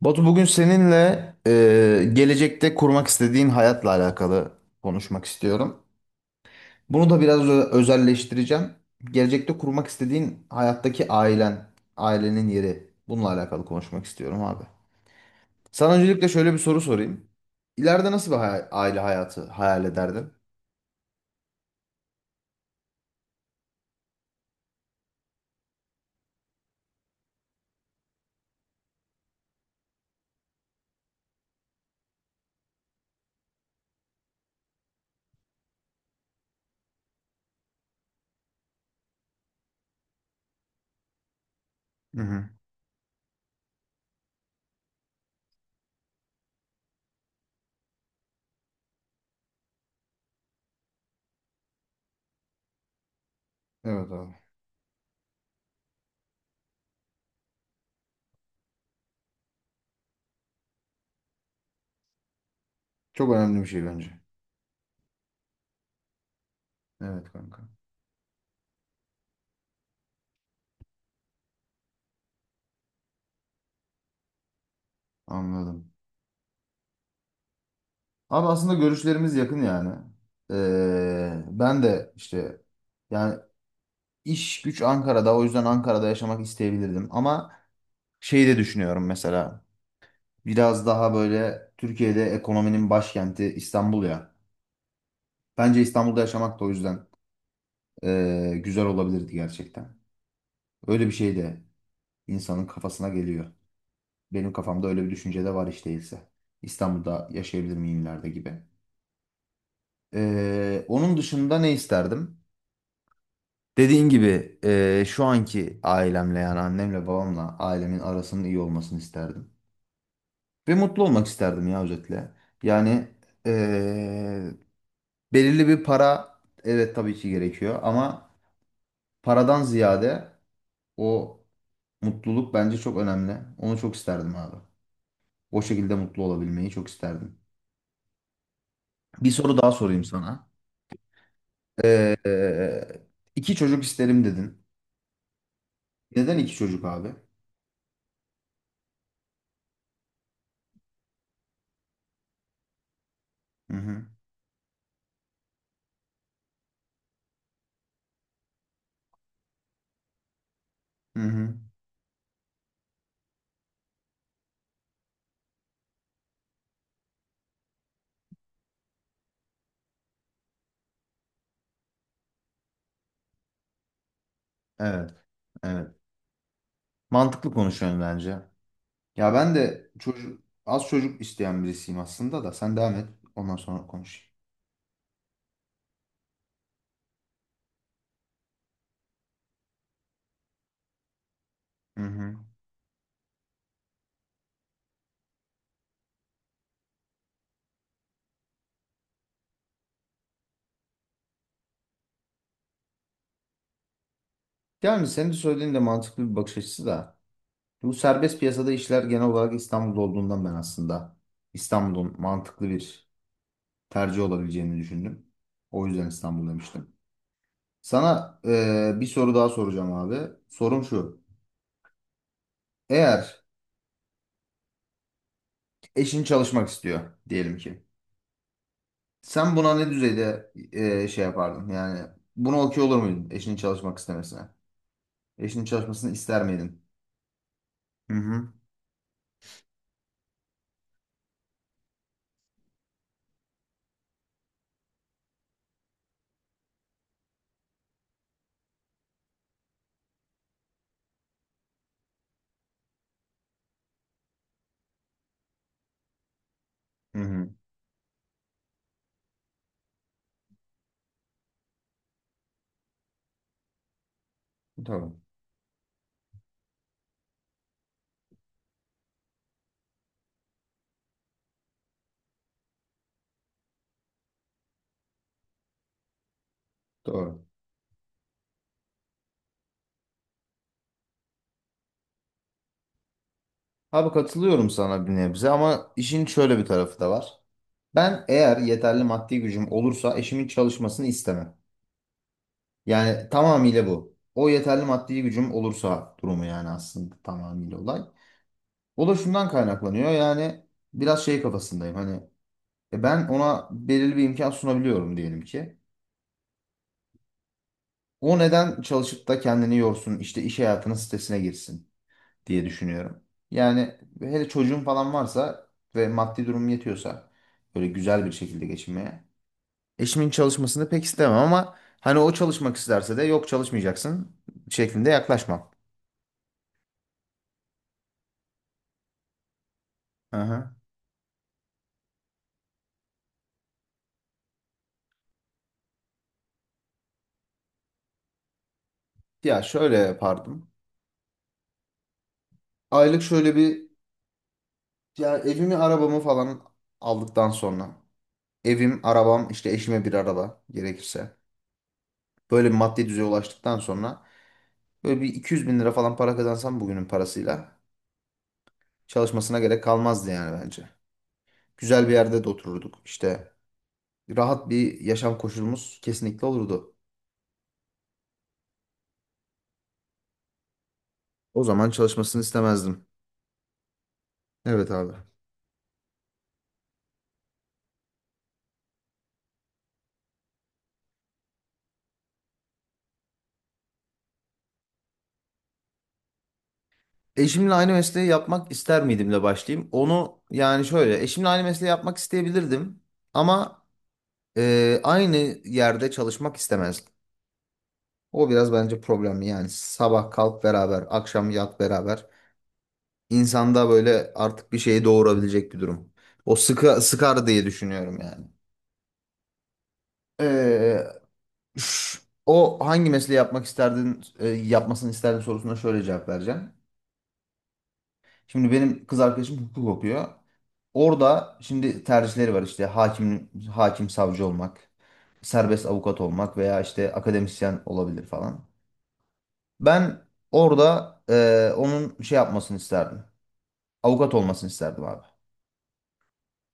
Batu bugün seninle gelecekte kurmak istediğin hayatla alakalı konuşmak istiyorum. Bunu da biraz özelleştireceğim. Gelecekte kurmak istediğin hayattaki ailen, ailenin yeri. Bununla alakalı konuşmak istiyorum abi. Sana öncelikle şöyle bir soru sorayım. İleride nasıl bir aile hayatı hayal ederdin? Hı hı. Evet abi. Çok önemli bir şey bence. Evet kanka. Anladım. Abi aslında görüşlerimiz yakın yani. Ben de işte yani İş güç Ankara'da. O yüzden Ankara'da yaşamak isteyebilirdim. Ama şeyi de düşünüyorum mesela. Biraz daha böyle Türkiye'de ekonominin başkenti İstanbul ya. Bence İstanbul'da yaşamak da o yüzden güzel olabilirdi gerçekten. Öyle bir şey de insanın kafasına geliyor. Benim kafamda öyle bir düşünce de var hiç değilse. İstanbul'da yaşayabilir miyim ileride gibi. Onun dışında ne isterdim? Dediğin gibi şu anki ailemle yani annemle babamla ailemin arasının iyi olmasını isterdim. Ve mutlu olmak isterdim ya özetle. Yani eee, belirli bir para evet tabii ki gerekiyor ama paradan ziyade o mutluluk bence çok önemli. Onu çok isterdim abi. O şekilde mutlu olabilmeyi çok isterdim. Bir soru daha sorayım sana. Eee iki çocuk isterim dedin. Neden iki çocuk abi? Hı hı. Hı hı. Evet, evet. Mantıklı konuşuyorsun bence. Ya ben de çocuk az çocuk isteyen birisiyim aslında da sen devam et ondan sonra konuşayım. Hı hı. Yani senin de söylediğin de mantıklı bir bakış açısı da bu serbest piyasada işler genel olarak İstanbul'da olduğundan ben aslında İstanbul'un mantıklı bir tercih olabileceğini düşündüm. O yüzden İstanbul demiştim. Sana bir soru daha soracağım abi. Sorum şu. Eğer eşin çalışmak istiyor diyelim ki. Sen buna ne düzeyde şey yapardın? Yani bunu okey olur muydun eşinin çalışmak istemesine? Eşinin çalışmasını ister miydin? Hı hı. Hı hı. Tamam. Doğru. Abi katılıyorum sana bir nebze ama işin şöyle bir tarafı da var. Ben eğer yeterli maddi gücüm olursa eşimin çalışmasını istemem. Yani tamamıyla bu. O yeterli maddi gücüm olursa durumu yani aslında tamamıyla olay. O da şundan kaynaklanıyor yani biraz şey kafasındayım hani ben ona belirli bir imkan sunabiliyorum diyelim ki. O neden çalışıp da kendini yorsun işte iş hayatının stresine girsin diye düşünüyorum. Yani hele çocuğum falan varsa ve maddi durumum yetiyorsa böyle güzel bir şekilde geçinmeye. Eşimin çalışmasını pek istemem ama hani o çalışmak isterse de yok çalışmayacaksın şeklinde yaklaşmam. Aha. Ya şöyle yapardım. Aylık şöyle bir ya evimi arabamı falan aldıktan sonra evim arabam işte eşime bir araba gerekirse böyle bir maddi düzeye ulaştıktan sonra böyle bir 200 bin lira falan para kazansam bugünün parasıyla çalışmasına gerek kalmazdı yani bence. Güzel bir yerde de otururduk. İşte rahat bir yaşam koşulumuz kesinlikle olurdu. O zaman çalışmasını istemezdim. Evet abi. Eşimle aynı mesleği yapmak ister miydimle başlayayım. Onu yani şöyle eşimle aynı mesleği yapmak isteyebilirdim ama aynı yerde çalışmak istemezdim. O biraz bence problemli yani sabah kalk beraber akşam yat beraber insanda böyle artık bir şeyi doğurabilecek bir durum. O sıkar diye düşünüyorum yani. Ee, O hangi mesleği yapmak isterdin, yapmasını isterdin sorusuna şöyle cevap vereceğim. Şimdi benim kız arkadaşım hukuk okuyor. Orada şimdi tercihleri var işte hakim, hakim savcı olmak, serbest avukat olmak veya işte akademisyen olabilir falan. Ben orada onun şey yapmasını isterdim. Avukat olmasını isterdim abi.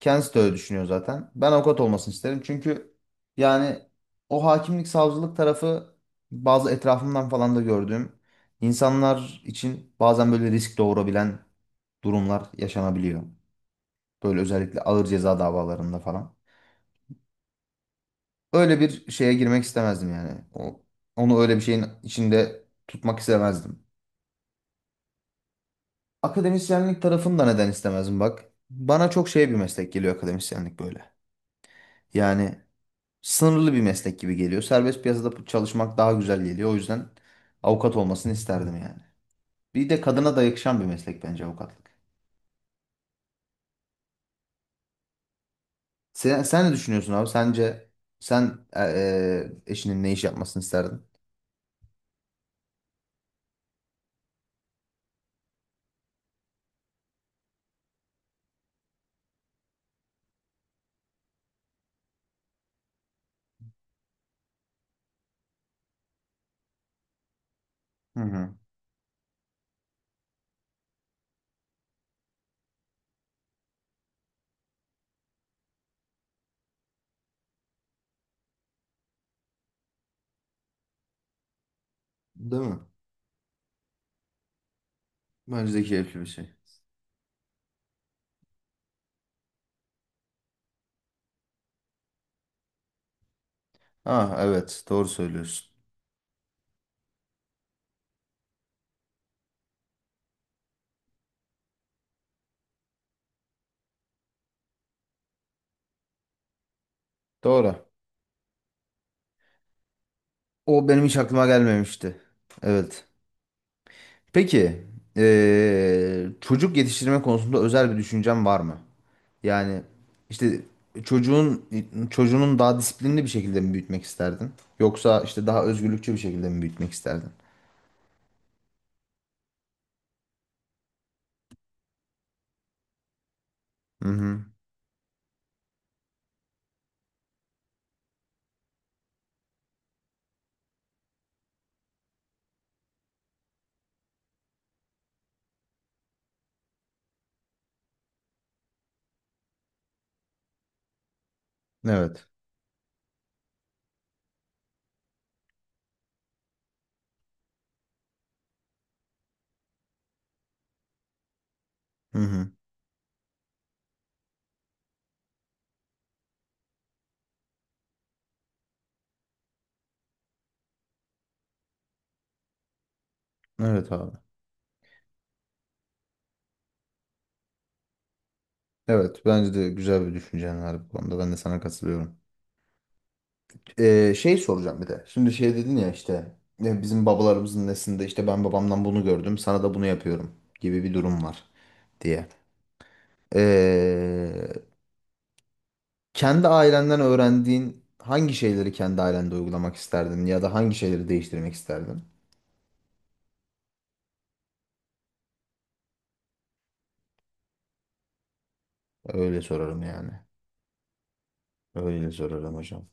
Kendisi de öyle düşünüyor zaten. Ben avukat olmasını isterim. Çünkü yani o hakimlik savcılık tarafı bazı etrafımdan falan da gördüğüm insanlar için bazen böyle risk doğurabilen durumlar yaşanabiliyor. Böyle özellikle ağır ceza davalarında falan. Öyle bir şeye girmek istemezdim yani. Onu öyle bir şeyin içinde tutmak istemezdim. Akademisyenlik tarafını da neden istemezdim bak. Bana çok şey bir meslek geliyor akademisyenlik böyle. Yani sınırlı bir meslek gibi geliyor. Serbest piyasada çalışmak daha güzel geliyor. O yüzden avukat olmasını isterdim yani. Bir de kadına da yakışan bir meslek bence avukatlık. Sen ne düşünüyorsun abi? Sence sen eşinin ne iş yapmasını isterdin? Hı hı. Değil mi? Bence de keyifli bir şey. Ha evet doğru söylüyorsun. Doğru. O benim hiç aklıma gelmemişti. Evet. Peki çocuk yetiştirme konusunda özel bir düşüncen var mı? Yani işte çocuğun çocuğunun daha disiplinli bir şekilde mi büyütmek isterdin? Yoksa işte daha özgürlükçü bir şekilde mi büyütmek isterdin? Hı hı. Evet. Hı hı. Evet abi. Evet bence de güzel bir düşüncen var bu konuda. Ben de sana katılıyorum. Şey soracağım bir de. Şimdi şey dedin ya işte ya bizim babalarımızın neslinde işte ben babamdan bunu gördüm sana da bunu yapıyorum gibi bir durum var diye. Ee, Kendi ailenden öğrendiğin hangi şeyleri kendi ailende uygulamak isterdin ya da hangi şeyleri değiştirmek isterdin? Öyle sorarım yani. Öyle sorarım hocam.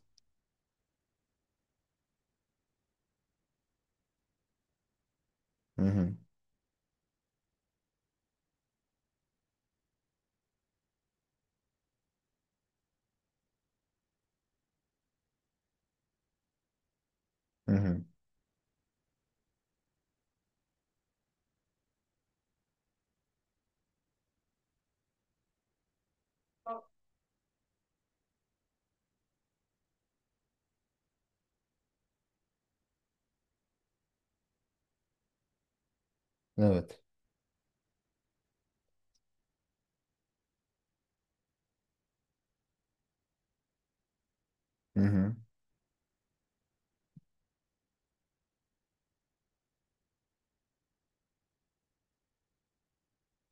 Hı hı. Hı hı. Evet. Hı hı.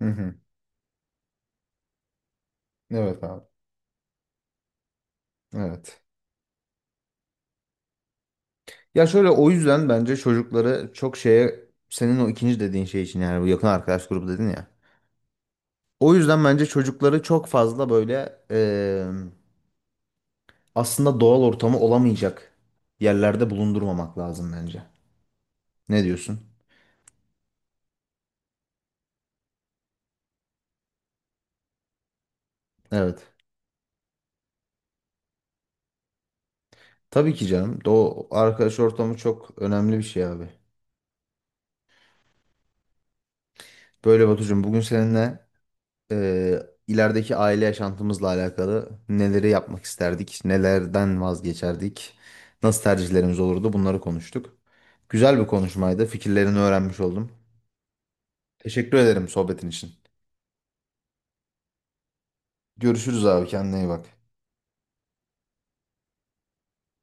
Hı hı. Evet abi. Evet. Ya şöyle o yüzden bence çocukları çok şeye senin o ikinci dediğin şey için yani bu yakın arkadaş grubu dedin ya. O yüzden bence çocukları çok fazla böyle aslında doğal ortamı olamayacak yerlerde bulundurmamak lazım bence. Ne diyorsun? Evet. Tabii ki canım. O arkadaş ortamı çok önemli bir şey abi. Böyle Batucuğum bugün seninle e, ilerideki aile yaşantımızla alakalı neleri yapmak isterdik, nelerden vazgeçerdik, nasıl tercihlerimiz olurdu bunları konuştuk. Güzel bir konuşmaydı. Fikirlerini öğrenmiş oldum. Teşekkür ederim sohbetin için. Görüşürüz abi kendine iyi bak.